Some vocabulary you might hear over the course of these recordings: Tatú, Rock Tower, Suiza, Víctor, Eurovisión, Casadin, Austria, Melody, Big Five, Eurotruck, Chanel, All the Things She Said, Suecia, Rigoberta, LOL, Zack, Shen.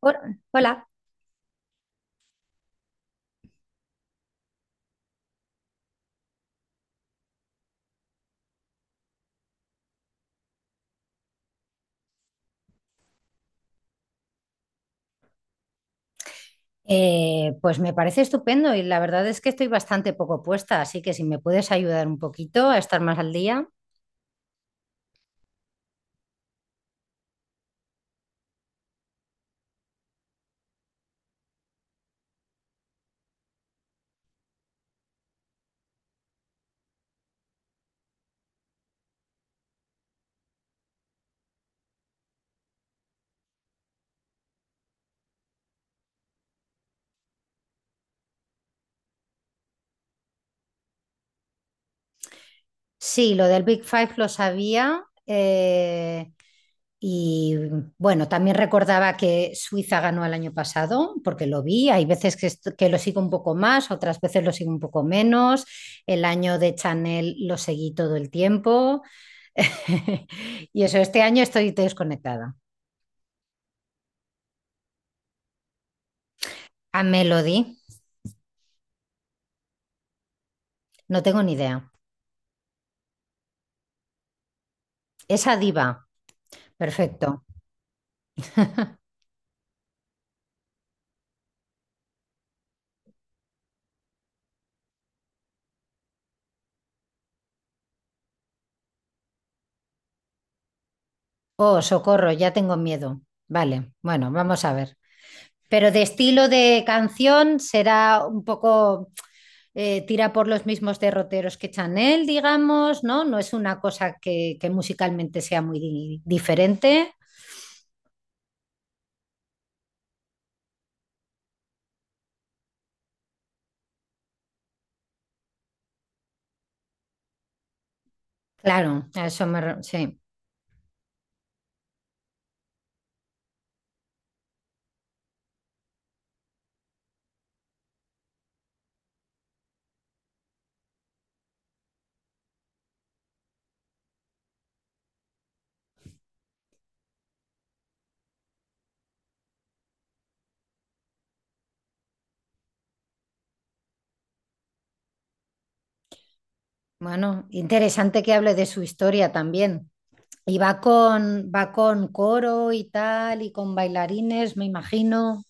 Hola. Hola. Pues me parece estupendo y la verdad es que estoy bastante poco puesta, así que si me puedes ayudar un poquito a estar más al día. Sí, lo del Big Five lo sabía, y bueno, también recordaba que Suiza ganó el año pasado porque lo vi. Hay veces que lo sigo un poco más, otras veces lo sigo un poco menos. El año de Chanel lo seguí todo el tiempo y eso, este año estoy desconectada. A Melody, no tengo ni idea. Esa diva. Perfecto. Oh, socorro, ya tengo miedo. Vale, bueno, vamos a ver. Pero de estilo de canción será un poco, tira por los mismos derroteros que Chanel, digamos, ¿no? No es una cosa que musicalmente sea muy diferente. Claro, a eso me sí. Bueno, interesante que hable de su historia también. Y va con coro y tal, y con bailarines, me imagino.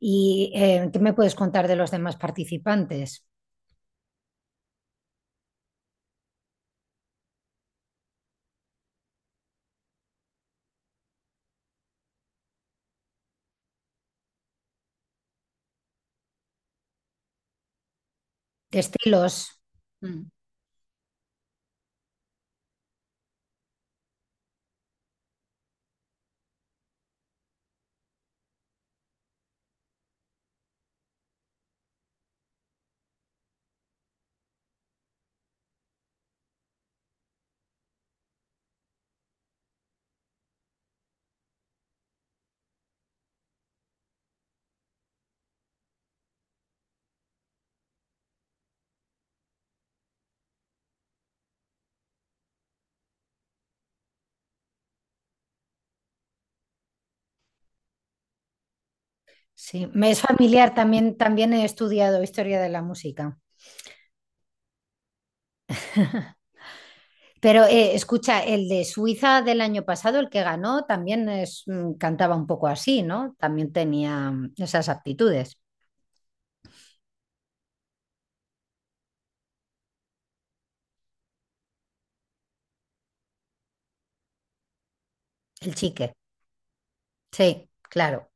¿Y qué me puedes contar de los demás participantes? ¿Qué estilos? Mm. Sí, me es familiar, también, también he estudiado historia de la música. Pero escucha, el de Suiza del año pasado, el que ganó, también es, cantaba un poco así, ¿no? También tenía esas aptitudes, el chique. Sí, claro.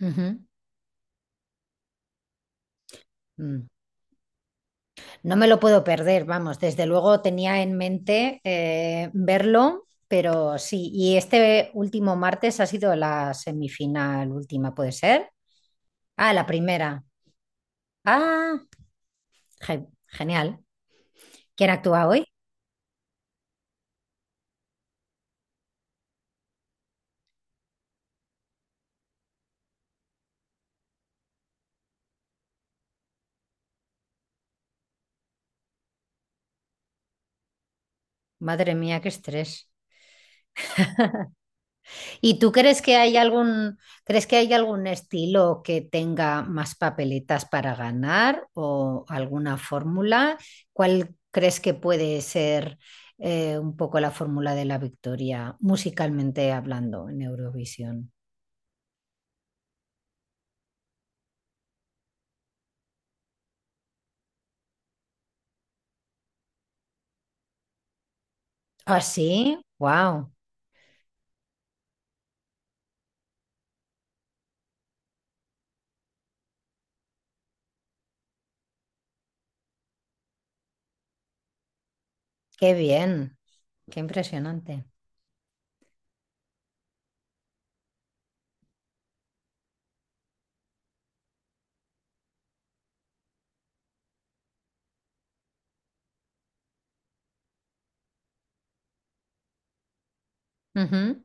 Ujú. Mm. No me lo puedo perder, vamos, desde luego tenía en mente, verlo, pero sí, y este último martes ha sido la semifinal última, ¿puede ser? Ah, la primera. Ah, genial. ¿Quién actúa hoy? Madre mía, qué estrés. ¿Y tú crees que hay algún estilo que tenga más papeletas para ganar o alguna fórmula? ¿Cuál crees que puede ser, un poco la fórmula de la victoria musicalmente hablando en Eurovisión? Ah, sí, wow, qué bien, qué impresionante. Ujú.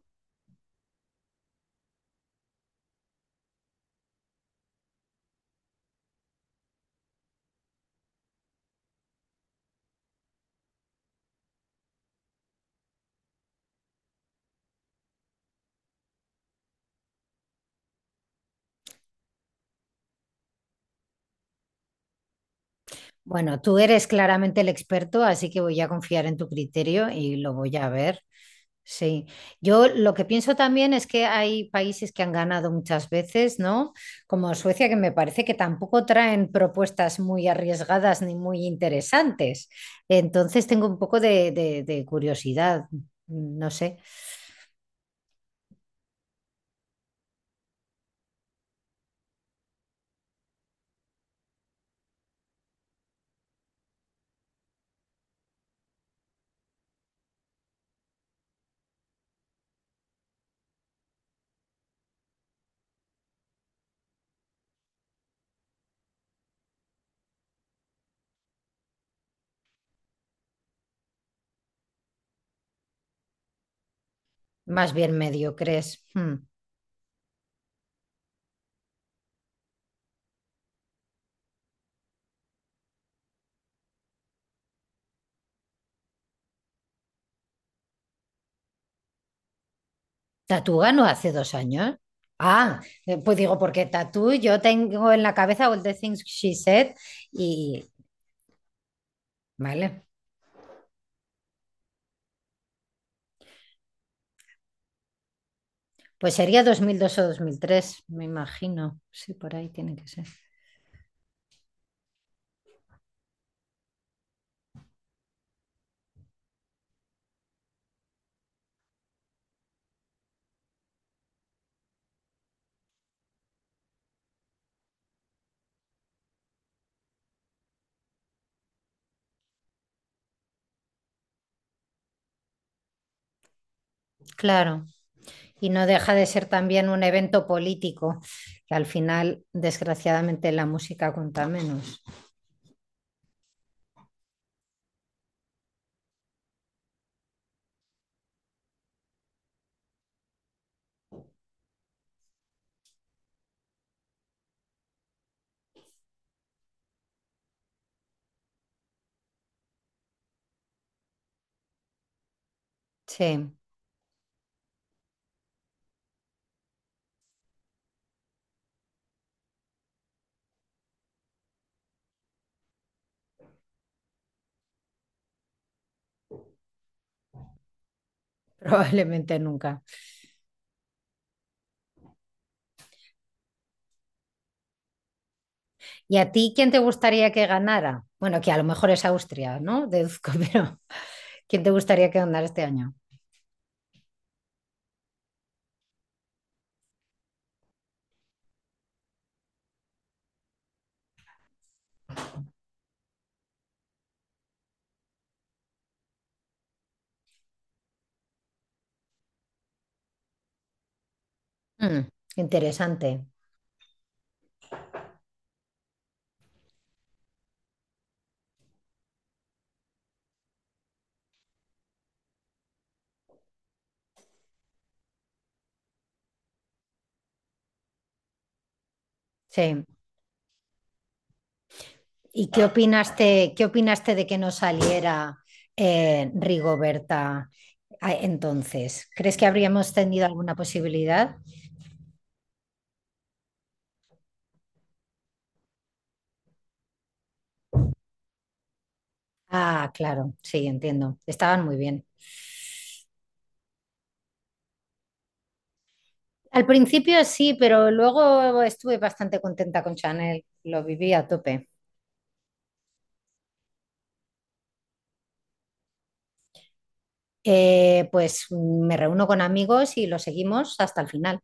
Bueno, tú eres claramente el experto, así que voy a confiar en tu criterio y lo voy a ver. Sí, yo lo que pienso también es que hay países que han ganado muchas veces, ¿no? Como Suecia, que me parece que tampoco traen propuestas muy arriesgadas ni muy interesantes. Entonces tengo un poco de curiosidad, no sé, más bien mediocres. Hmm. ¿Tatú ganó hace 2 años? Ah, pues digo, porque Tatú yo tengo en la cabeza All the Things She Said y, vale, pues sería 2002 o 2003, me imagino. Sí, por ahí tiene que ser. Claro, y no deja de ser también un evento político, que al final, desgraciadamente, la música cuenta menos. Sí, probablemente nunca. ¿Y a ti quién te gustaría que ganara? Bueno, que a lo mejor es Austria, ¿no? Deduzco, pero ¿quién te gustaría que ganara este año? Mm, interesante, sí. ¿Y qué opinaste de que no saliera, Rigoberta, entonces? ¿Crees que habríamos tenido alguna posibilidad? Ah, claro, sí, entiendo. Estaban muy bien. Al principio sí, pero luego estuve bastante contenta con Chanel, lo viví a tope. Pues me reúno con amigos y lo seguimos hasta el final.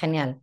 Genial.